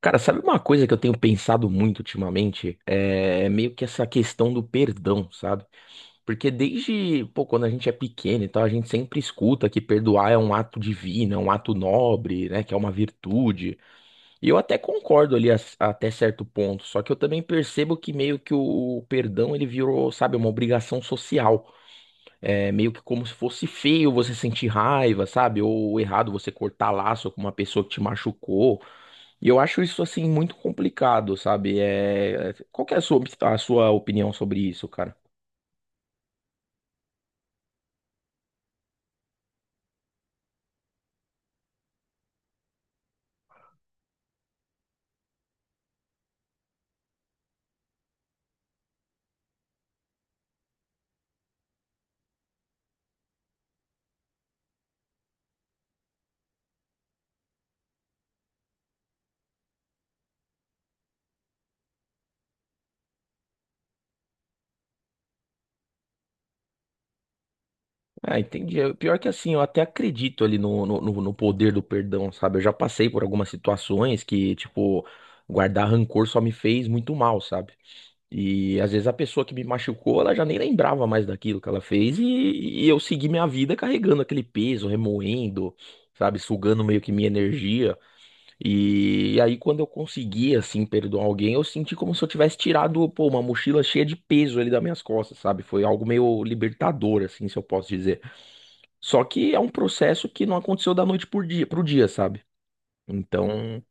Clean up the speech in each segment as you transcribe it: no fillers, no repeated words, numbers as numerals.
Cara, sabe uma coisa que eu tenho pensado muito ultimamente? É meio que essa questão do perdão, sabe? Porque desde, pô, quando a gente é pequeno e tal, a gente sempre escuta que perdoar é um ato divino, é um ato nobre, né? Que é uma virtude. E eu até concordo ali até certo ponto, só que eu também percebo que meio que o perdão ele virou, sabe, uma obrigação social. É meio que como se fosse feio você sentir raiva, sabe? Ou errado você cortar laço com uma pessoa que te machucou. E eu acho isso assim muito complicado, sabe? Qual que é a sua opinião sobre isso, cara? Ah, entendi. Pior que assim, eu até acredito ali no poder do perdão, sabe? Eu já passei por algumas situações que, tipo, guardar rancor só me fez muito mal, sabe? E às vezes a pessoa que me machucou, ela já nem lembrava mais daquilo que ela fez e eu segui minha vida carregando aquele peso, remoendo, sabe? Sugando meio que minha energia. E aí, quando eu consegui, assim, perdoar alguém, eu senti como se eu tivesse tirado, pô, uma mochila cheia de peso ali das minhas costas, sabe? Foi algo meio libertador, assim, se eu posso dizer. Só que é um processo que não aconteceu da noite pro dia, sabe? Então.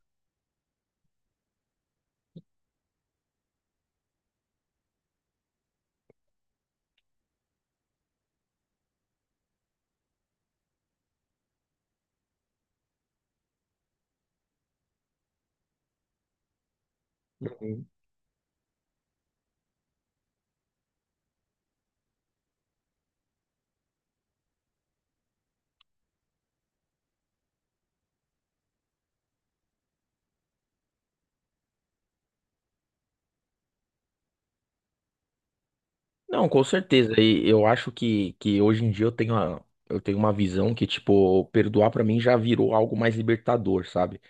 Uhum. Não, com certeza. E eu acho que hoje em dia eu tenho uma visão que, tipo, perdoar pra mim já virou algo mais libertador, sabe?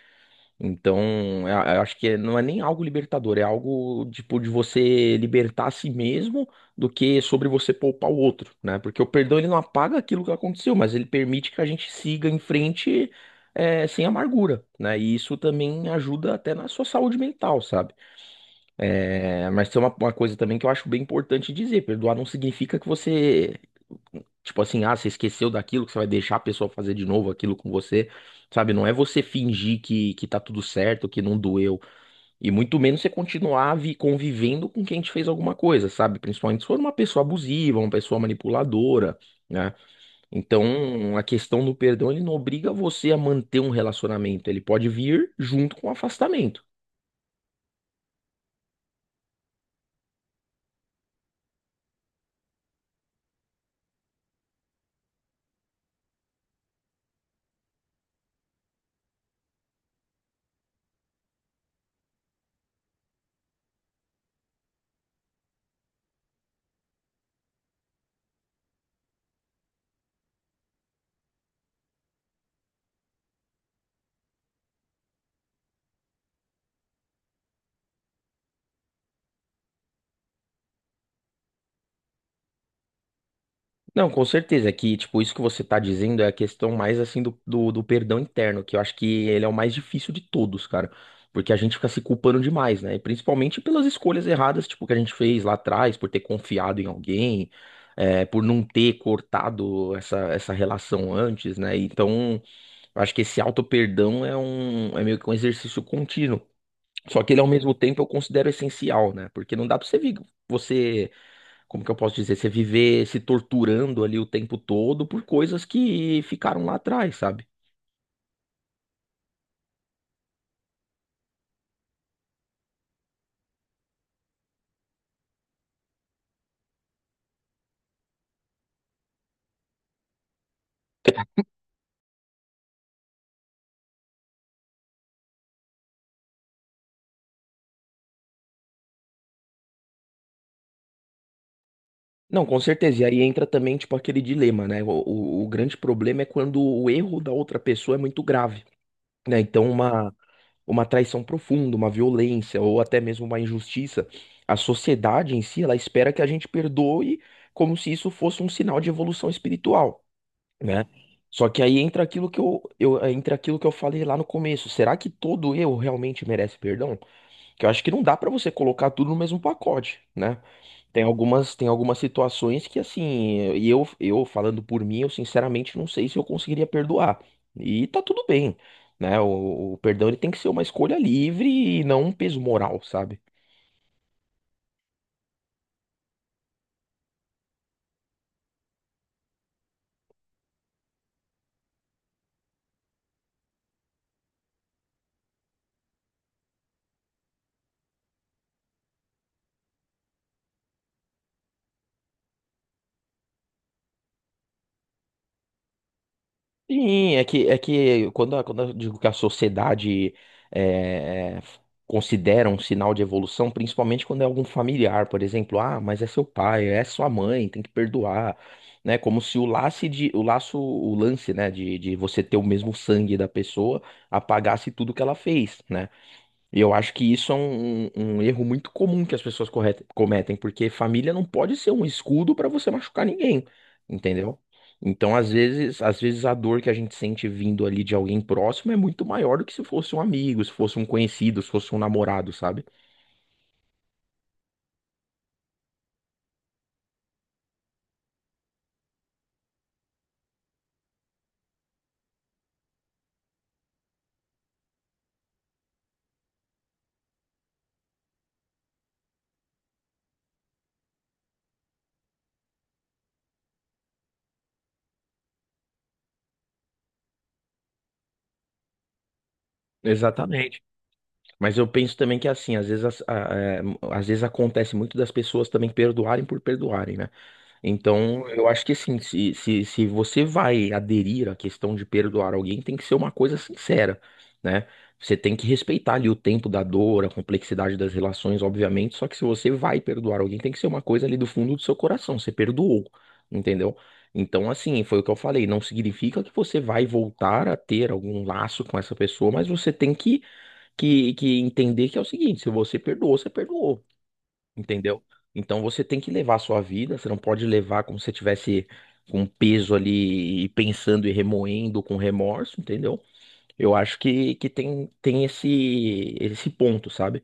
Então, eu acho que não é nem algo libertador, é algo tipo de você libertar a si mesmo do que sobre você poupar o outro, né? Porque o perdão ele não apaga aquilo que aconteceu, mas ele permite que a gente siga em frente sem amargura, né? E isso também ajuda até na sua saúde mental, sabe? Mas tem uma coisa também que eu acho bem importante dizer: perdoar não significa que você, tipo assim, ah, você esqueceu daquilo, que você vai deixar a pessoa fazer de novo aquilo com você, sabe? Não é você fingir que tá tudo certo, que não doeu. E muito menos você continuar convivendo com quem te fez alguma coisa, sabe? Principalmente se for uma pessoa abusiva, uma pessoa manipuladora, né? Então, a questão do perdão, ele não obriga você a manter um relacionamento. Ele pode vir junto com o afastamento. Não, com certeza é que, tipo, isso que você tá dizendo é a questão mais, assim, do perdão interno, que eu acho que ele é o mais difícil de todos, cara. Porque a gente fica se culpando demais, né? E principalmente pelas escolhas erradas, tipo, que a gente fez lá atrás, por ter confiado em alguém, por não ter cortado essa relação antes, né? Então, eu acho que esse auto-perdão é meio que um exercício contínuo. Só que ele, ao mesmo tempo, eu considero essencial, né? Porque não dá pra você vir, você como que eu posso dizer, você viver se torturando ali o tempo todo por coisas que ficaram lá atrás, sabe? Não, com certeza. E aí entra também, tipo, aquele dilema, né? O grande problema é quando o erro da outra pessoa é muito grave, né? Então, uma traição profunda, uma violência ou até mesmo uma injustiça, a sociedade em si, ela espera que a gente perdoe como se isso fosse um sinal de evolução espiritual, né? Só que aí entra aquilo que eu falei lá no começo. Será que todo erro realmente merece perdão? Que eu acho que não dá pra você colocar tudo no mesmo pacote, né? Tem algumas situações que assim, e eu falando por mim, eu sinceramente não sei se eu conseguiria perdoar. E tá tudo bem, né? O perdão ele tem que ser uma escolha livre e não um peso moral, sabe? Sim, é que quando, quando eu digo que a sociedade é, f- considera um sinal de evolução, principalmente quando é algum familiar, por exemplo, ah, mas é seu pai, é sua mãe, tem que perdoar, né? Como se o laço de, o laço, o lance, né, de você ter o mesmo sangue da pessoa apagasse tudo que ela fez, né? E eu acho que isso é um erro muito comum que as pessoas cometem, porque família não pode ser um escudo para você machucar ninguém, entendeu? Então, às vezes a dor que a gente sente vindo ali de alguém próximo é muito maior do que se fosse um amigo, se fosse um conhecido, se fosse um namorado, sabe? Exatamente. Mas eu penso também que é assim, às vezes, as- a- é, às vezes acontece muito das pessoas também perdoarem por perdoarem, né? Então, eu acho que assim, se você vai aderir à questão de perdoar alguém, tem que ser uma coisa sincera, né? Você tem que respeitar ali o tempo da dor, a complexidade das relações, obviamente. Só que se você vai perdoar alguém, tem que ser uma coisa ali do fundo do seu coração. Você perdoou, entendeu? Então, assim, foi o que eu falei. Não significa que você vai voltar a ter algum laço com essa pessoa, mas você tem que entender que é o seguinte: se você perdoou, você perdoou. Entendeu? Então você tem que levar a sua vida, você não pode levar como se você tivesse com um peso ali e pensando e remoendo com remorso, entendeu? Eu acho que tem, tem esse ponto, sabe?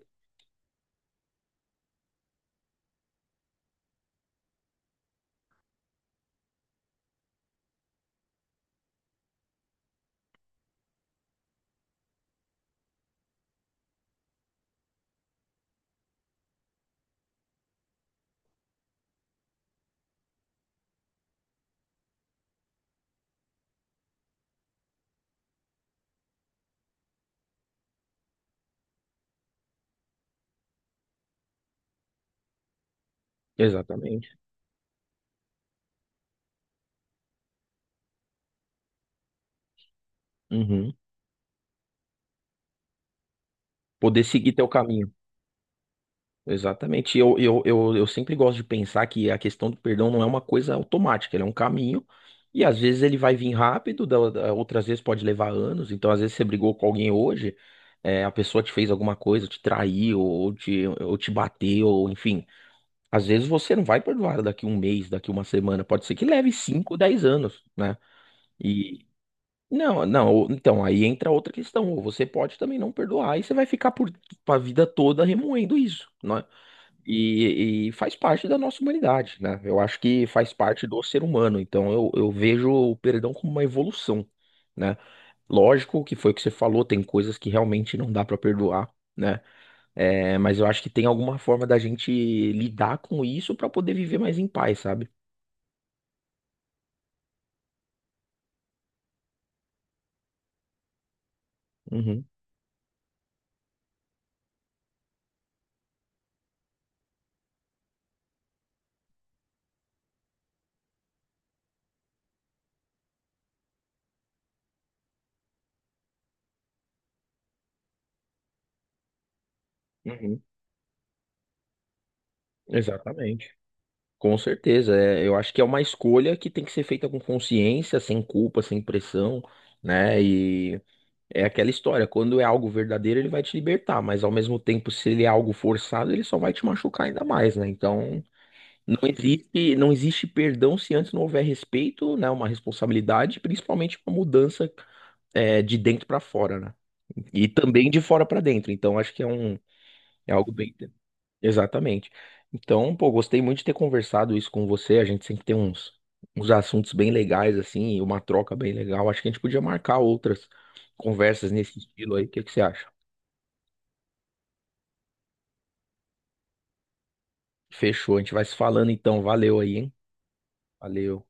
Exatamente. Uhum. Poder seguir teu caminho. Exatamente. E eu sempre gosto de pensar que a questão do perdão não é uma coisa automática, ele é um caminho. E às vezes ele vai vir rápido, outras vezes pode levar anos. Então, às vezes você brigou com alguém hoje, a pessoa te fez alguma coisa, te traiu, ou te bateu, ou enfim. Às vezes você não vai perdoar daqui um mês, daqui uma semana. Pode ser que leve 5 10 anos, né? E. Não, não, então aí entra outra questão. Ou você pode também não perdoar e você vai ficar por, a vida toda remoendo isso, né? E faz parte da nossa humanidade, né? Eu acho que faz parte do ser humano. Então eu vejo o perdão como uma evolução, né? Lógico que foi o que você falou, tem coisas que realmente não dá pra perdoar, né? É, mas eu acho que tem alguma forma da gente lidar com isso pra poder viver mais em paz, sabe? Uhum, uhum, exatamente. Com certeza. Eu acho que é uma escolha que tem que ser feita com consciência, sem culpa, sem pressão, né? É aquela história, quando é algo verdadeiro, ele vai te libertar, mas ao mesmo tempo, se ele é algo forçado, ele só vai te machucar ainda mais, né? Então, não existe, não existe perdão se antes não houver respeito, né? Uma responsabilidade, principalmente uma mudança de dentro pra fora, né? E também de fora pra dentro. Então, acho que é algo bem... Exatamente. Então, pô, gostei muito de ter conversado isso com você. A gente sempre tem uns assuntos bem legais, assim, e uma troca bem legal. Acho que a gente podia marcar outras conversas nesse estilo aí. O que que você acha? Fechou, a gente vai se falando então. Valeu aí, hein? Valeu.